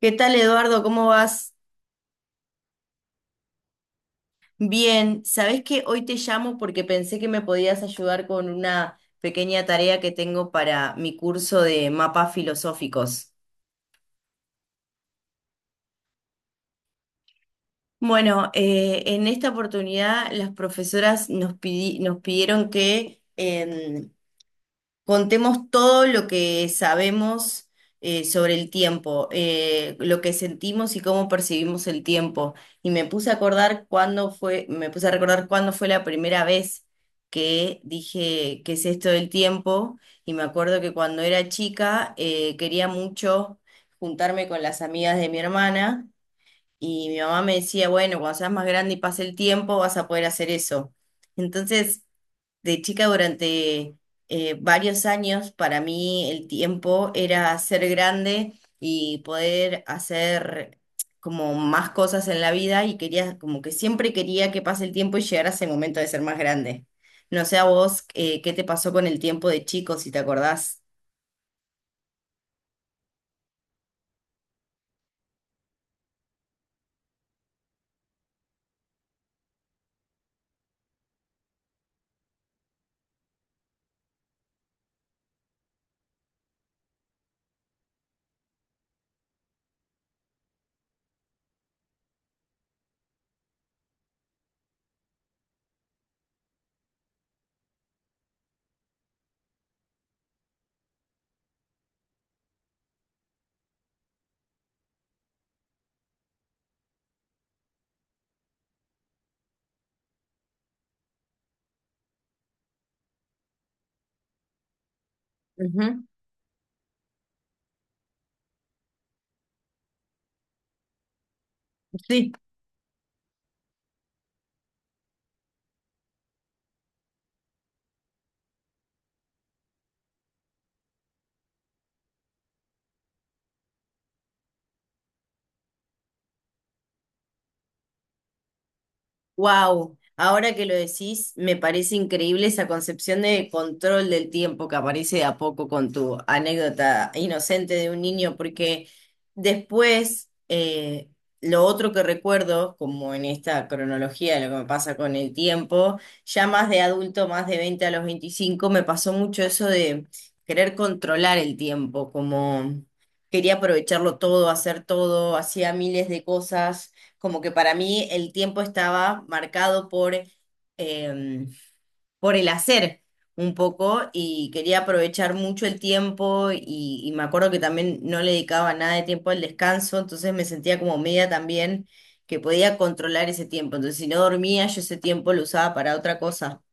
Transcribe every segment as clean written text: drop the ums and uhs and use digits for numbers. ¿Qué tal, Eduardo? ¿Cómo vas? Bien, ¿sabés que hoy te llamo porque pensé que me podías ayudar con una pequeña tarea que tengo para mi curso de mapas filosóficos? Bueno, en esta oportunidad las profesoras nos pidieron que contemos todo lo que sabemos sobre el tiempo, lo que sentimos y cómo percibimos el tiempo. Y me puse a acordar cuándo fue, me puse a recordar cuándo fue la primera vez que dije qué es esto del tiempo. Y me acuerdo que cuando era chica quería mucho juntarme con las amigas de mi hermana. Y mi mamá me decía, bueno, cuando seas más grande y pase el tiempo, vas a poder hacer eso. Entonces, de chica durante varios años, para mí el tiempo era ser grande y poder hacer como más cosas en la vida y quería, como que siempre quería que pase el tiempo y llegara ese momento de ser más grande. No sé a vos, ¿qué te pasó con el tiempo de chico, si te acordás? Ujú. Sí. Wow, ahora que lo decís, me parece increíble esa concepción de control del tiempo que aparece de a poco con tu anécdota inocente de un niño, porque después lo otro que recuerdo, como en esta cronología de lo que me pasa con el tiempo, ya más de adulto, más de 20 a los 25, me pasó mucho eso de querer controlar el tiempo, como quería aprovecharlo todo, hacer todo, hacía miles de cosas como que para mí el tiempo estaba marcado por, em, por el hacer un poco y quería aprovechar mucho el tiempo y me acuerdo que también no le dedicaba nada de tiempo al descanso, entonces me sentía como media también que podía controlar ese tiempo. Entonces si no dormía, yo ese tiempo lo usaba para otra cosa.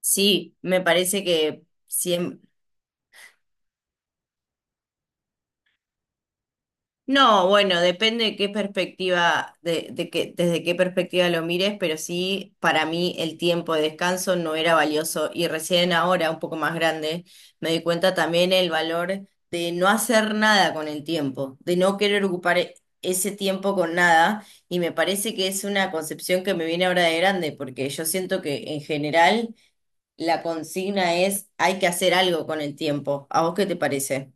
Sí, me parece que no, bueno, depende de qué perspectiva, desde qué perspectiva lo mires, pero sí, para mí el tiempo de descanso no era valioso y recién ahora, un poco más grande, me di cuenta también el valor de no hacer nada con el tiempo, de no querer ese tiempo con nada y me parece que es una concepción que me viene ahora de grande, porque yo siento que en general la consigna es hay que hacer algo con el tiempo. ¿A vos qué te parece?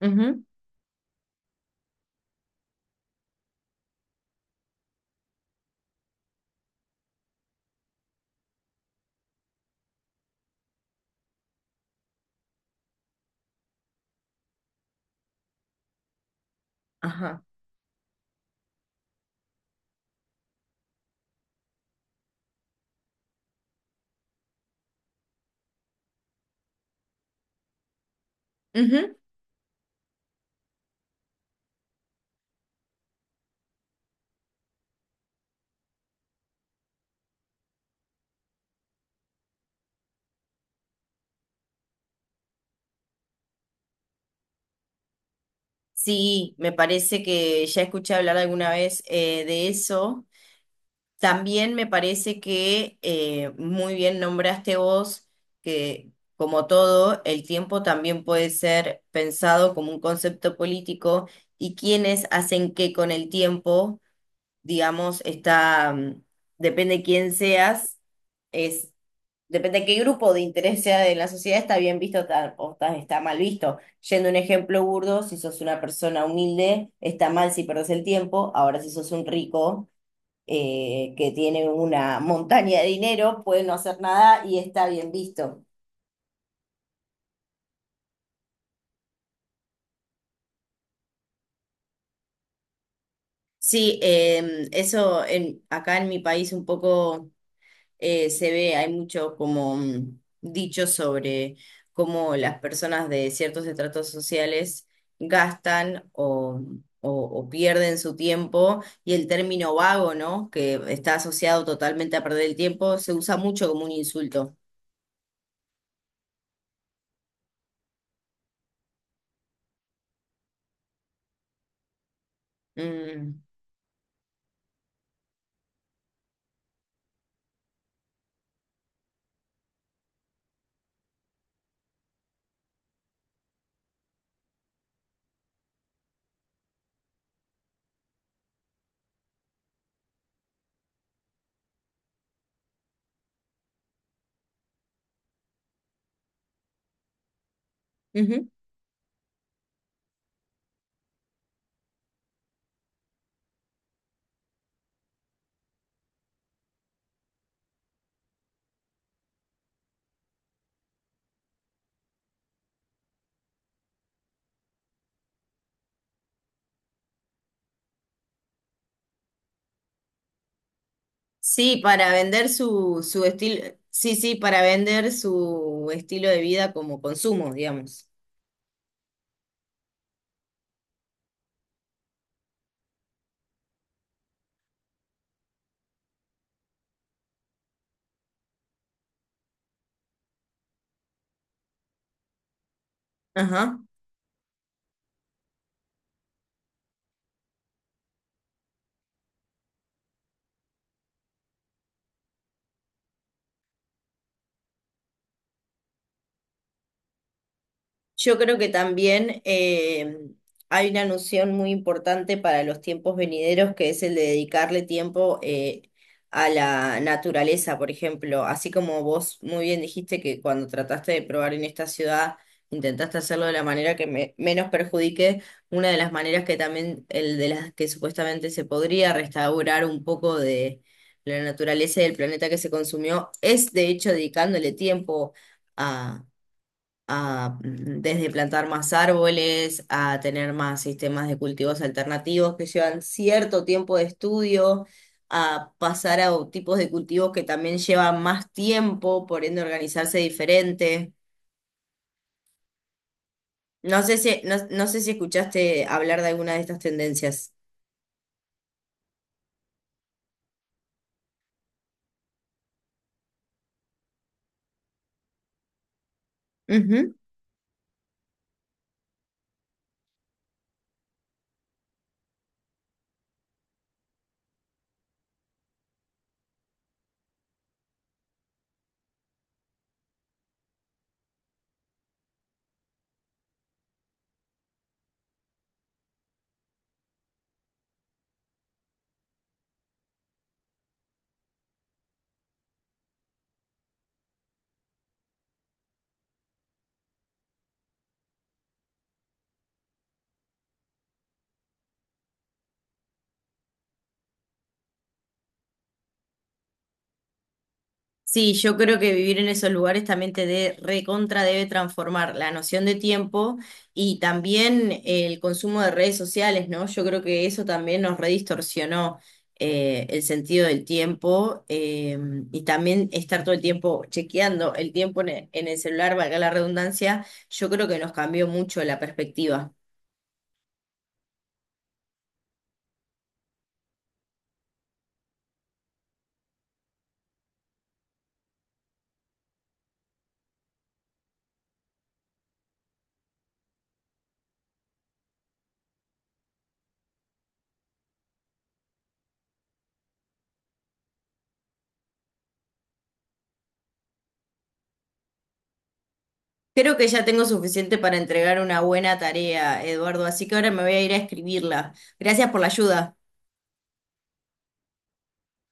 Ujú. Ajá. Ujú. Sí, me parece que ya escuché hablar alguna vez de eso. También me parece que muy bien nombraste vos que, como todo, el tiempo también puede ser pensado como un concepto político y quienes hacen qué con el tiempo, digamos, depende de quién seas, es, depende de qué grupo de interés sea de la sociedad, está bien visto está mal visto. Yendo a un ejemplo burdo, si sos una persona humilde, está mal si perdés el tiempo. Ahora, si sos un rico que tiene una montaña de dinero, puede no hacer nada y está bien visto. Sí, em, eso en, acá en mi país un poco se ve, hay mucho como dicho sobre cómo las personas de ciertos estratos sociales gastan o pierden su tiempo y el término vago, ¿no? Que está asociado totalmente a perder el tiempo, se usa mucho como un insulto. Mm. Ujú. Sí, para vender su, su estilo, sí, sí, para vender su estilo de vida como consumo, digamos. Ajá. Yo creo que también hay una noción muy importante para los tiempos venideros que es el de dedicarle tiempo a la naturaleza, por ejemplo. Así como vos muy bien dijiste que cuando trataste de probar en esta ciudad, intentaste hacerlo de la manera que menos perjudique, una de las maneras que también, el de las que supuestamente se podría restaurar un poco de la naturaleza y del planeta que se consumió, es de hecho dedicándole tiempo a mm, desde plantar más árboles, a tener más sistemas de cultivos alternativos que llevan cierto tiempo de estudio, a pasar a o- tipos de cultivos que también llevan más tiempo, por ende organizarse diferente. No sé si, no, no sé si escuchaste hablar de alguna de estas tendencias. Sí, yo creo que vivir en esos lugares también recontra debe transformar la noción de tiempo y también el consumo de redes sociales, ¿no? Yo creo que eso también nos redistorsionó el sentido del tiempo, y también estar todo el tiempo chequeando el tiempo en el celular, valga la redundancia, yo creo que nos cambió mucho la perspectiva. Creo que ya tengo suficiente para entregar una buena tarea, Eduardo, así que ahora me voy a ir a escribirla. Gracias por la ayuda.